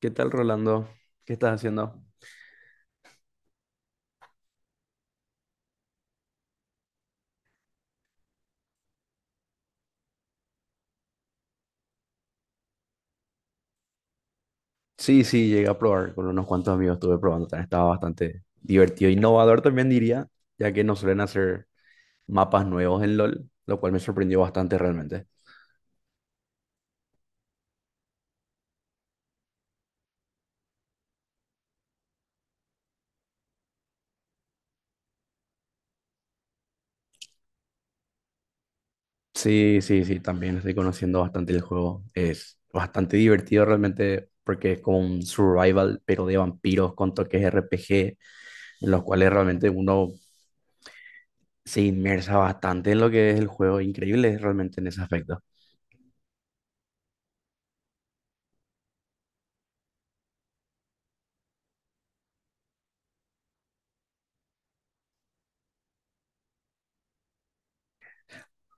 ¿Qué tal, Rolando? ¿Qué estás haciendo? Sí, sí, llegué a probar con unos cuantos amigos, estuve probando, también estaba bastante divertido, innovador también diría, ya que no suelen hacer mapas nuevos en LOL, lo cual me sorprendió bastante realmente. Sí, sí, sí, también estoy conociendo bastante el juego, es bastante divertido realmente porque es como un survival, pero de vampiros con toques RPG, en los cuales realmente uno se inmersa bastante en lo que es el juego, increíble realmente en ese aspecto.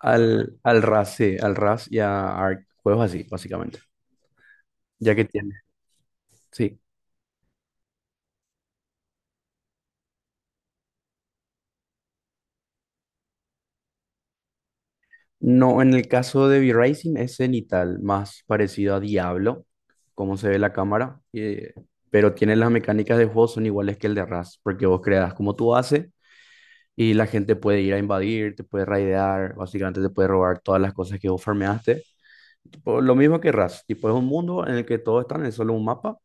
Al RAS, sí, al RAS y a ARC, juegos así, básicamente, ya que tiene, sí. No, en el caso de V-Racing es cenital, más parecido a Diablo, como se ve la cámara, pero tiene las mecánicas de juego son iguales que el de RAS, porque vos creas como tú haces y la gente puede ir a invadir, te puede raidear, básicamente te puede robar todas las cosas que vos farmeaste. Tipo, lo mismo que RAS, tipo es un mundo en el que todos están en solo un mapa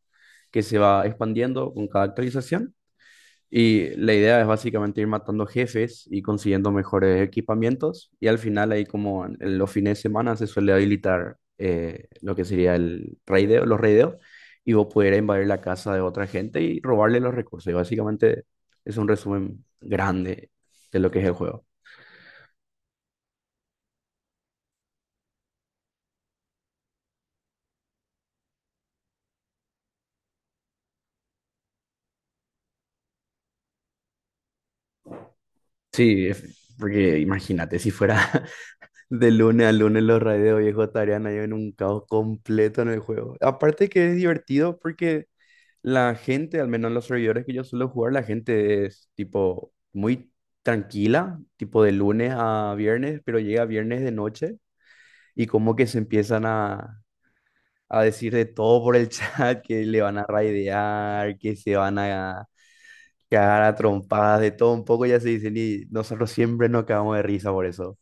que se va expandiendo con cada actualización. Y la idea es básicamente ir matando jefes y consiguiendo mejores equipamientos. Y al final, ahí como en los fines de semana, se suele habilitar lo que sería el raideo, los raideos, y vos poder invadir la casa de otra gente y robarle los recursos. Y básicamente es un resumen grande de lo que es el juego. Sí, porque imagínate, si fuera de lunes a lunes los raideos, viejo, estarían ahí en un caos completo en el juego. Aparte que es divertido porque la gente, al menos en los servidores que yo suelo jugar, la gente es tipo muy tranquila, tipo de lunes a viernes, pero llega viernes de noche y como que se empiezan a decir de todo por el chat, que le van a raidear, que se van a cagar a trompadas, de todo un poco, ya se dicen y nosotros siempre nos cagamos de risa por eso.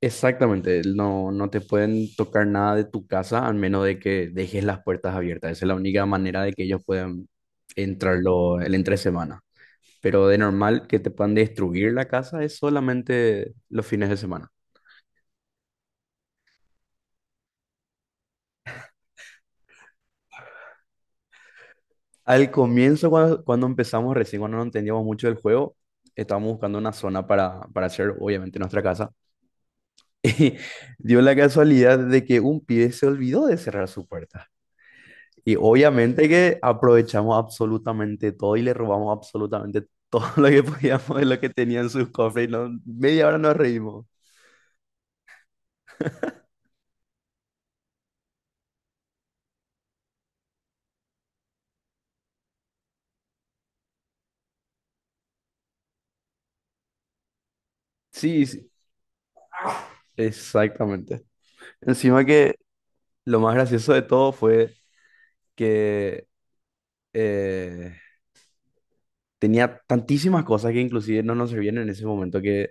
Exactamente, no, no te pueden tocar nada de tu casa al menos de que dejes las puertas abiertas. Esa es la única manera de que ellos puedan entrar el entre semana. Pero de normal que te puedan destruir la casa es solamente los fines de semana. Al comienzo, cuando empezamos recién, cuando no entendíamos mucho del juego, estábamos buscando una zona para hacer obviamente nuestra casa. Y dio la casualidad de que un pibe se olvidó de cerrar su puerta. Y obviamente que aprovechamos absolutamente todo y le robamos absolutamente todo lo que podíamos de lo que tenían sus cofres. Y no, media hora nos reímos. Sí, sí, exactamente. Encima que lo más gracioso de todo fue que eh, tenía tantísimas cosas que inclusive no nos servían en ese momento que,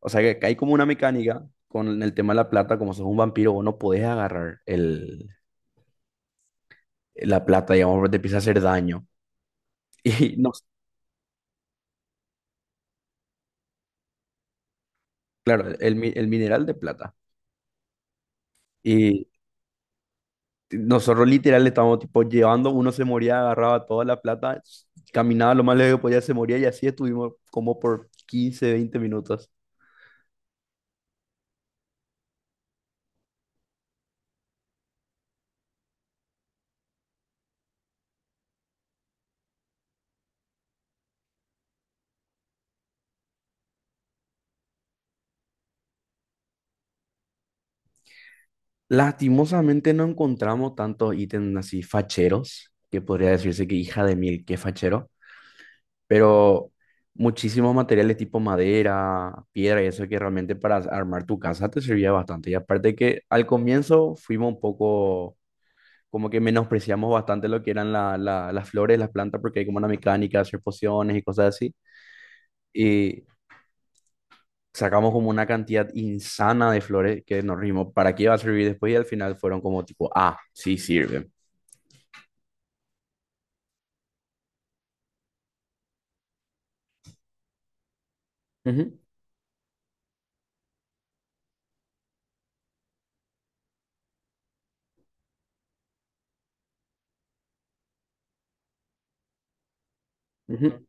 o sea, que hay como una mecánica con el tema de la plata, como sos un vampiro, vos no podés agarrar la plata, digamos, porque te empieza a hacer daño. Y no, claro, el mineral de plata. Y nosotros literal le estábamos tipo llevando, uno se moría, agarraba toda la plata, caminaba lo más lejos que podía, se moría y así estuvimos como por 15 20 minutos. Lastimosamente no encontramos tantos ítems así facheros, que podría decirse que hija de mil, que fachero, pero muchísimos materiales tipo madera, piedra y eso que realmente para armar tu casa te servía bastante. Y aparte que al comienzo fuimos un poco como que menospreciamos bastante lo que eran las flores, las plantas, porque hay como una mecánica de hacer pociones y cosas así. Y sacamos como una cantidad insana de flores que nos rimos, ¿para qué iba a servir después? Y al final fueron como tipo, ah, sí sirven. Ujú, ujú.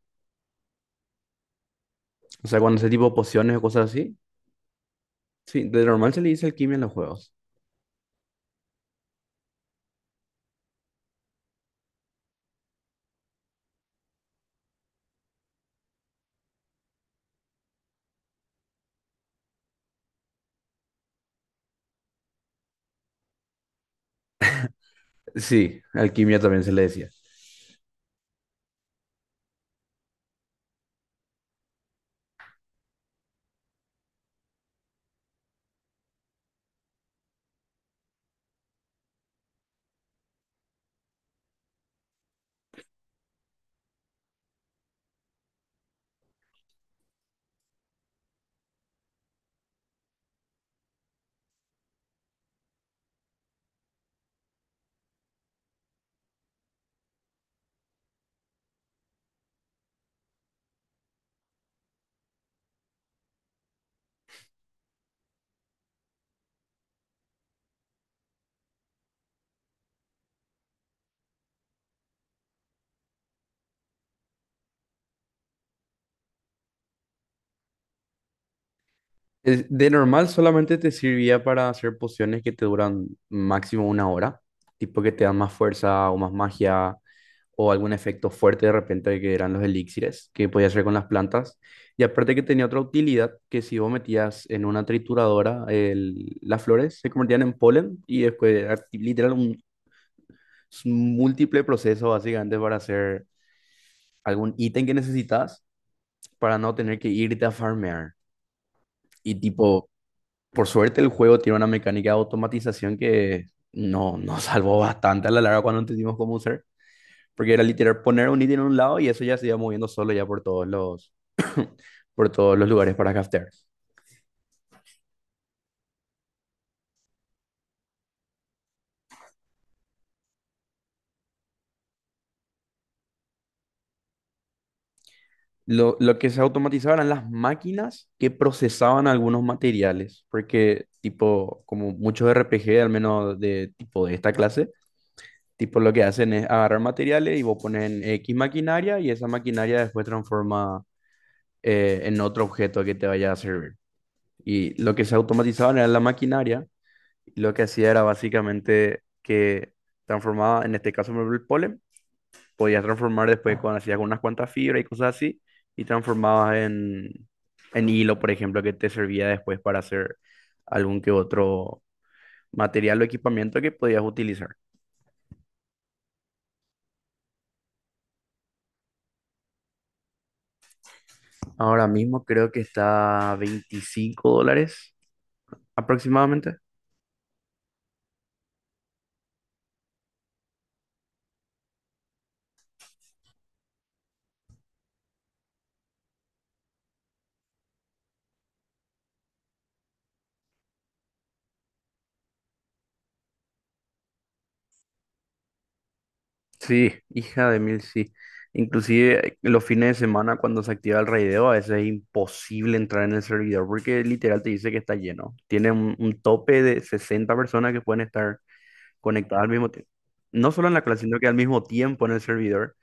O sea, cuando ese tipo de pociones o cosas así, sí, de normal se le dice alquimia en los juegos. Sí, alquimia también se le decía. De normal solamente te servía para hacer pociones que te duran máximo una hora, tipo que te dan más fuerza o más magia o algún efecto fuerte de repente que eran los elixires que podías hacer con las plantas. Y aparte que tenía otra utilidad, que si vos metías en una trituradora las flores se convertían en polen y después era literal un, múltiple proceso básicamente para hacer algún ítem que necesitas para no tener que irte a farmear. Y tipo... Por suerte el juego tiene una mecánica de automatización que no, nos salvó bastante a la larga cuando entendimos cómo usar, porque era literal poner un ítem en un lado y eso ya se iba moviendo solo ya por todos los lugares para craftear. Lo que se automatizaba eran las máquinas que procesaban algunos materiales, porque tipo, como muchos RPG, al menos de tipo de esta clase, tipo lo que hacen es agarrar materiales y vos pones en X maquinaria y esa maquinaria después transforma en otro objeto que te vaya a servir. Y lo que se automatizaban era la maquinaria, y lo que hacía era básicamente que transformaba, en este caso, por ejemplo, el polen, podías transformar después cuando hacías unas cuantas fibras y cosas así, y transformabas en hilo, por ejemplo, que te servía después para hacer algún que otro material o equipamiento que podías utilizar. Ahora mismo creo que está a $25 aproximadamente. Sí, hija de mil, sí. Inclusive los fines de semana cuando se activa el raideo, a veces es imposible entrar en el servidor porque literal te dice que está lleno. Tiene un tope de 60 personas que pueden estar conectadas al mismo tiempo. No solo en la clase, sino que al mismo tiempo en el servidor.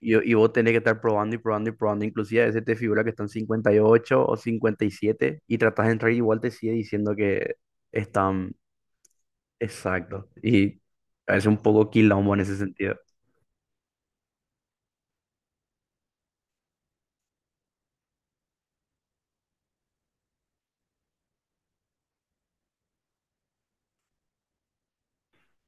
Y vos tenés que estar probando y probando y probando. Inclusive a veces te figura que están 58 o 57 y siete y tratás de entrar y igual te sigue diciendo que están exactos. Y a veces un poco quilombo en ese sentido.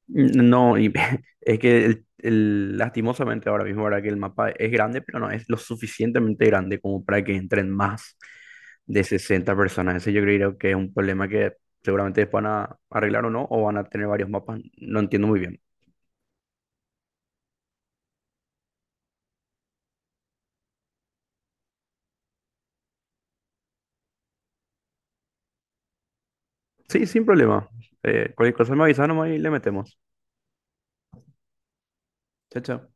No, y es que lastimosamente ahora mismo, ahora que el mapa es grande, pero no es lo suficientemente grande como para que entren más de 60 personas. Ese yo creo que es un problema que seguramente van a arreglar o no, o van a tener varios mapas. No entiendo muy bien. Sí, sin problema. Cualquier cosa me avisa nomás y le metemos. Chao, chao.